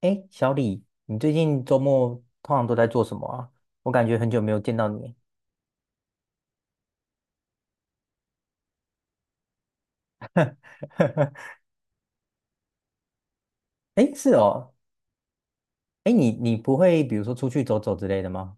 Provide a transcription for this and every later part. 哎，小李，你最近周末通常都在做什么啊？我感觉很久没有见到你。哎是哦，哎，你不会比如说出去走走之类的吗？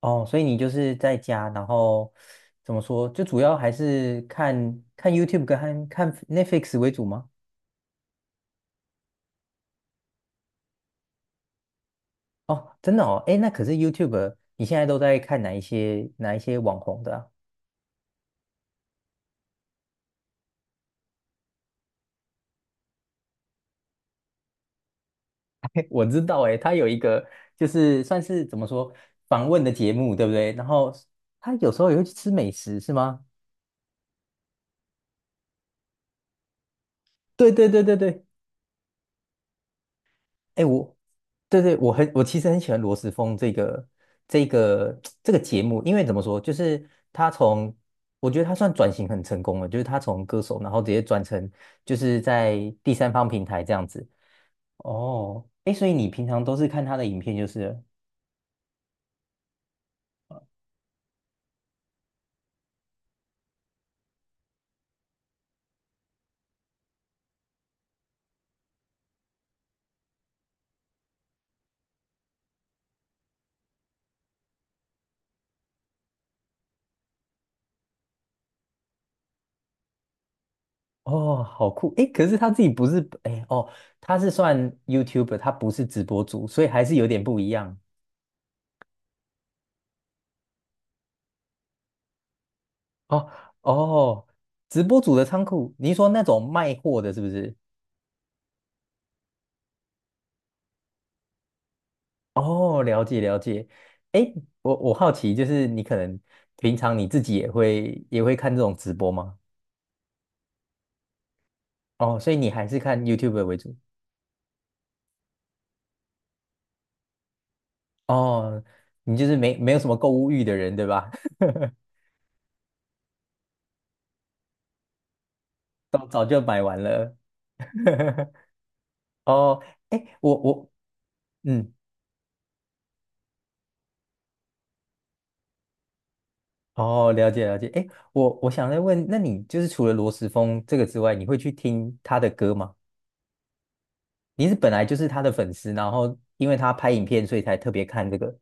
哦，所以你就是在家，然后怎么说，就主要还是看看 YouTube 跟看看 Netflix 为主吗？哦，真的哦，哎，那可是 YouTube，你现在都在看哪一些网红的啊？我知道，哎，他有一个就是算是怎么说访问的节目，对不对？然后他有时候也会去吃美食，是吗？对对对对对，哎，对对，我其实很喜欢罗时丰这个这个节目，因为怎么说，就是我觉得他算转型很成功了，就是他从歌手，然后直接转成就是在第三方平台这样子。哦，哎，所以你平常都是看他的影片就是了。哦，好酷，哎，可是他自己不是哎哦，他是算 YouTube， 他不是直播主，所以还是有点不一样。哦。哦，直播主的仓库，你是说那种卖货的，是不是？哦，了解了解。哎，我好奇，就是你可能平常你自己也会看这种直播吗？哦，所以你还是看 YouTube 为主。哦，你就是没有什么购物欲的人，对吧？早早就买完了。哦，哎，我我嗯，哦，了解了解。哎，我想再问，那你就是除了罗时丰这个之外，你会去听他的歌吗？你是本来就是他的粉丝，然后因为他拍影片，所以才特别看这个。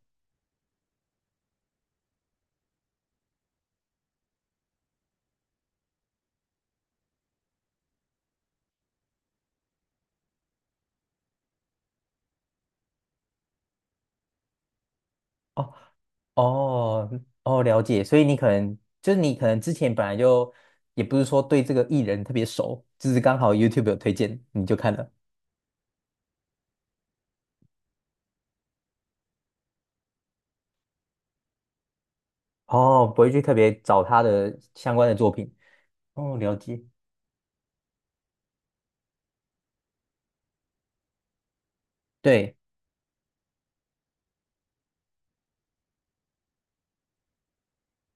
哦。哦，哦，了解。所以你可能之前本来就也不是说对这个艺人特别熟，就是刚好 YouTube 有推荐你就看了。哦，不会去特别找他的相关的作品。哦，了解。对，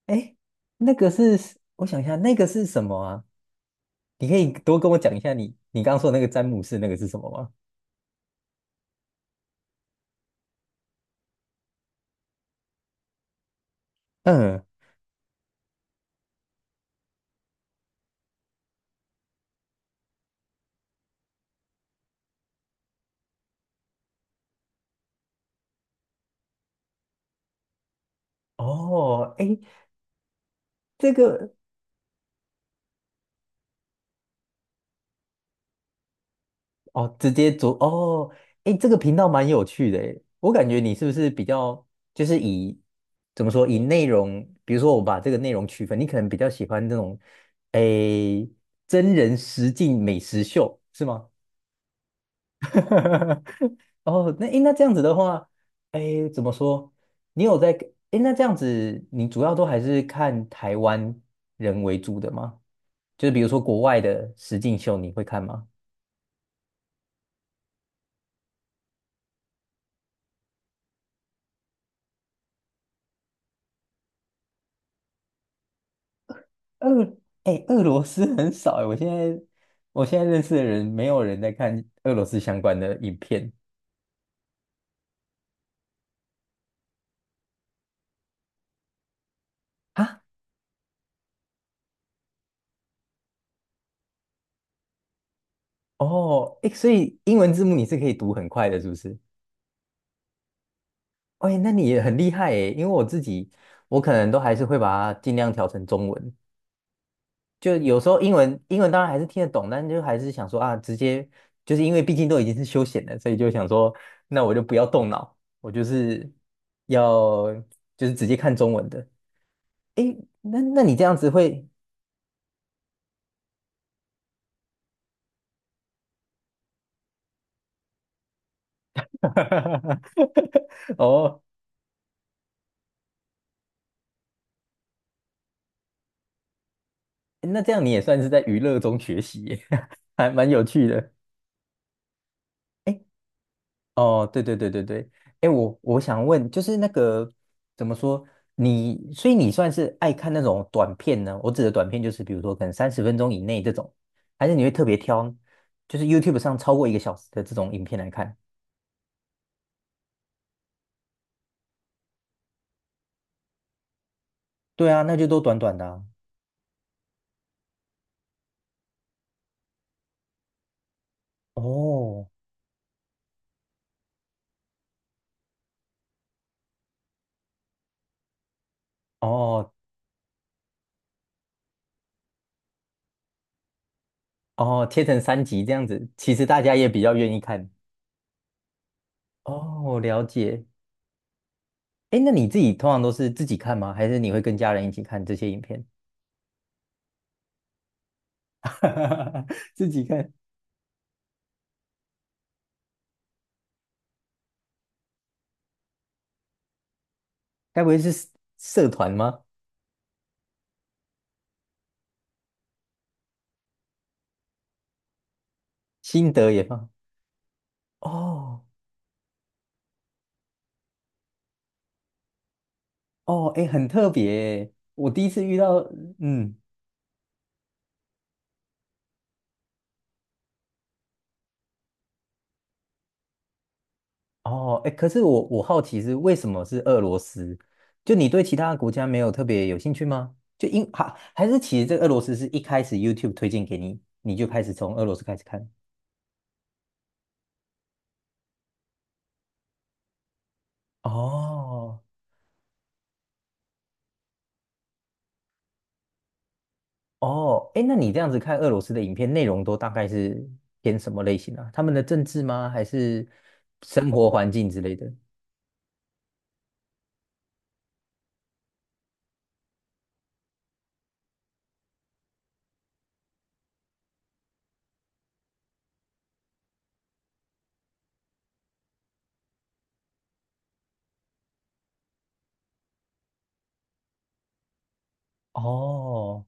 哎，那个是我想一下，那个是什么啊？你可以多跟我讲一下你刚刚说的那个詹姆士那个是什么吗？嗯。哦，哎，这个。哦，直接做哦，哎，这个频道蛮有趣的诶，我感觉你是不是比较就是以怎么说以内容，比如说我把这个内容区分，你可能比较喜欢那种哎真人实境美食秀是吗？哦，那哎那这样子的话，哎怎么说？你有在哎那这样子，你主要都还是看台湾人为主的吗？就是比如说国外的实境秀，你会看吗？俄，哎，俄罗斯很少哎，我现在认识的人，没有人在看俄罗斯相关的影片啊。哦，哎，所以英文字幕你是可以读很快的，是不是？哎，那你也很厉害哎，因为我自己我可能都还是会把它尽量调成中文，就有时候英文当然还是听得懂，但就还是想说啊，直接就是因为毕竟都已经是休闲了，所以就想说，那我就不要动脑，我就是要就是直接看中文的。诶，那那你这样子会 哦，那这样你也算是在娱乐中学习耶，还蛮有趣的。哎，哦，对对对对对，哎，我想问，就是那个怎么说，你所以你算是爱看那种短片呢？我指的短片就是比如说可能30分钟以内这种，还是你会特别挑，就是 YouTube 上超过一个小时的这种影片来看？对啊，那就都短短的啊。哦。哦。哦，切成三集这样子，其实大家也比较愿意看。哦，了解。哎，那你自己通常都是自己看吗？还是你会跟家人一起看这些影片？自己看，该不会是社团吗？心得也放？哦。哦，哎，很特别耶我第一次遇到。嗯。哦，哎，可是我好奇是为什么是俄罗斯？就你对其他国家没有特别有兴趣吗？就因还还是其实这个俄罗斯是一开始 YouTube 推荐给你，你就开始从俄罗斯开始看？哦。哦，哎，那你这样子看俄罗斯的影片，内容都大概是偏什么类型啊？他们的政治吗？还是生活环境之类的？哦。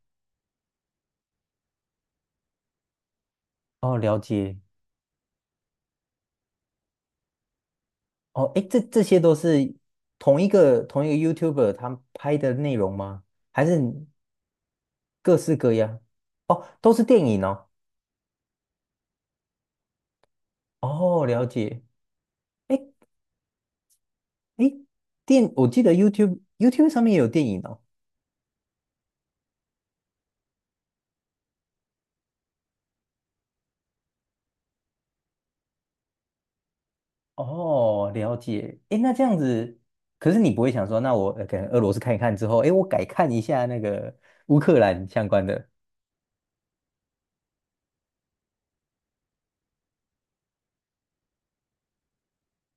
哦，了解。哦，哎，这这些都是同一个同一个 YouTuber 他拍的内容吗？还是各式各样？哦，都是电影哦。哦，了解。哎哎，我记得 YouTube 上面也有电影哦。哦，了解。诶，那这样子，可是你不会想说，那我呃可能俄罗斯看一看之后，诶，我改看一下那个乌克兰相关的。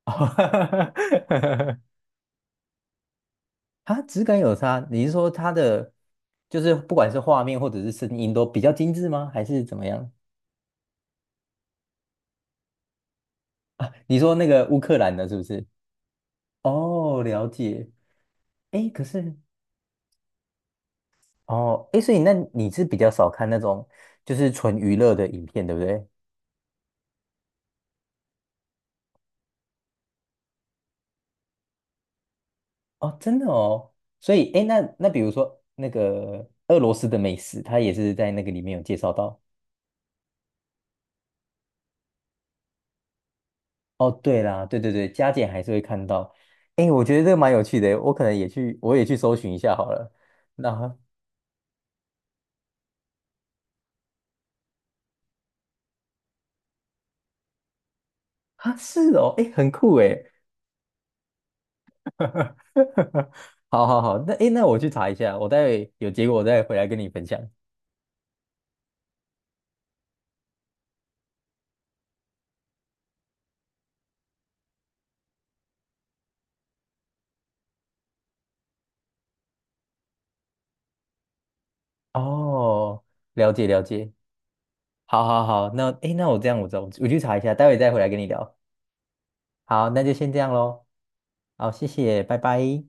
它质感有差，你是说它的就是不管是画面或者是声音都比较精致吗？还是怎么样啊？你说那个乌克兰的是不是？哦，了解。诶，可是哦，诶，所以那你是比较少看那种就是纯娱乐的影片，对不对？哦，真的哦，所以哎诶，那那比如说那个俄罗斯的美食，它也是在那个里面有介绍到。哦，对啦，对对对，加减还是会看到。哎，我觉得这个蛮有趣的，我可能也去，我也去搜寻一下好了。那啊，是哦，哎，很酷哎。好好好，那哎诶，那我去查一下，我待会有结果我再回来跟你分享。哦，了解了解，好好好，那哎诶，那我这样我走，我去查一下，待会再回来跟你聊。好，那就先这样喽。好，谢谢，拜拜。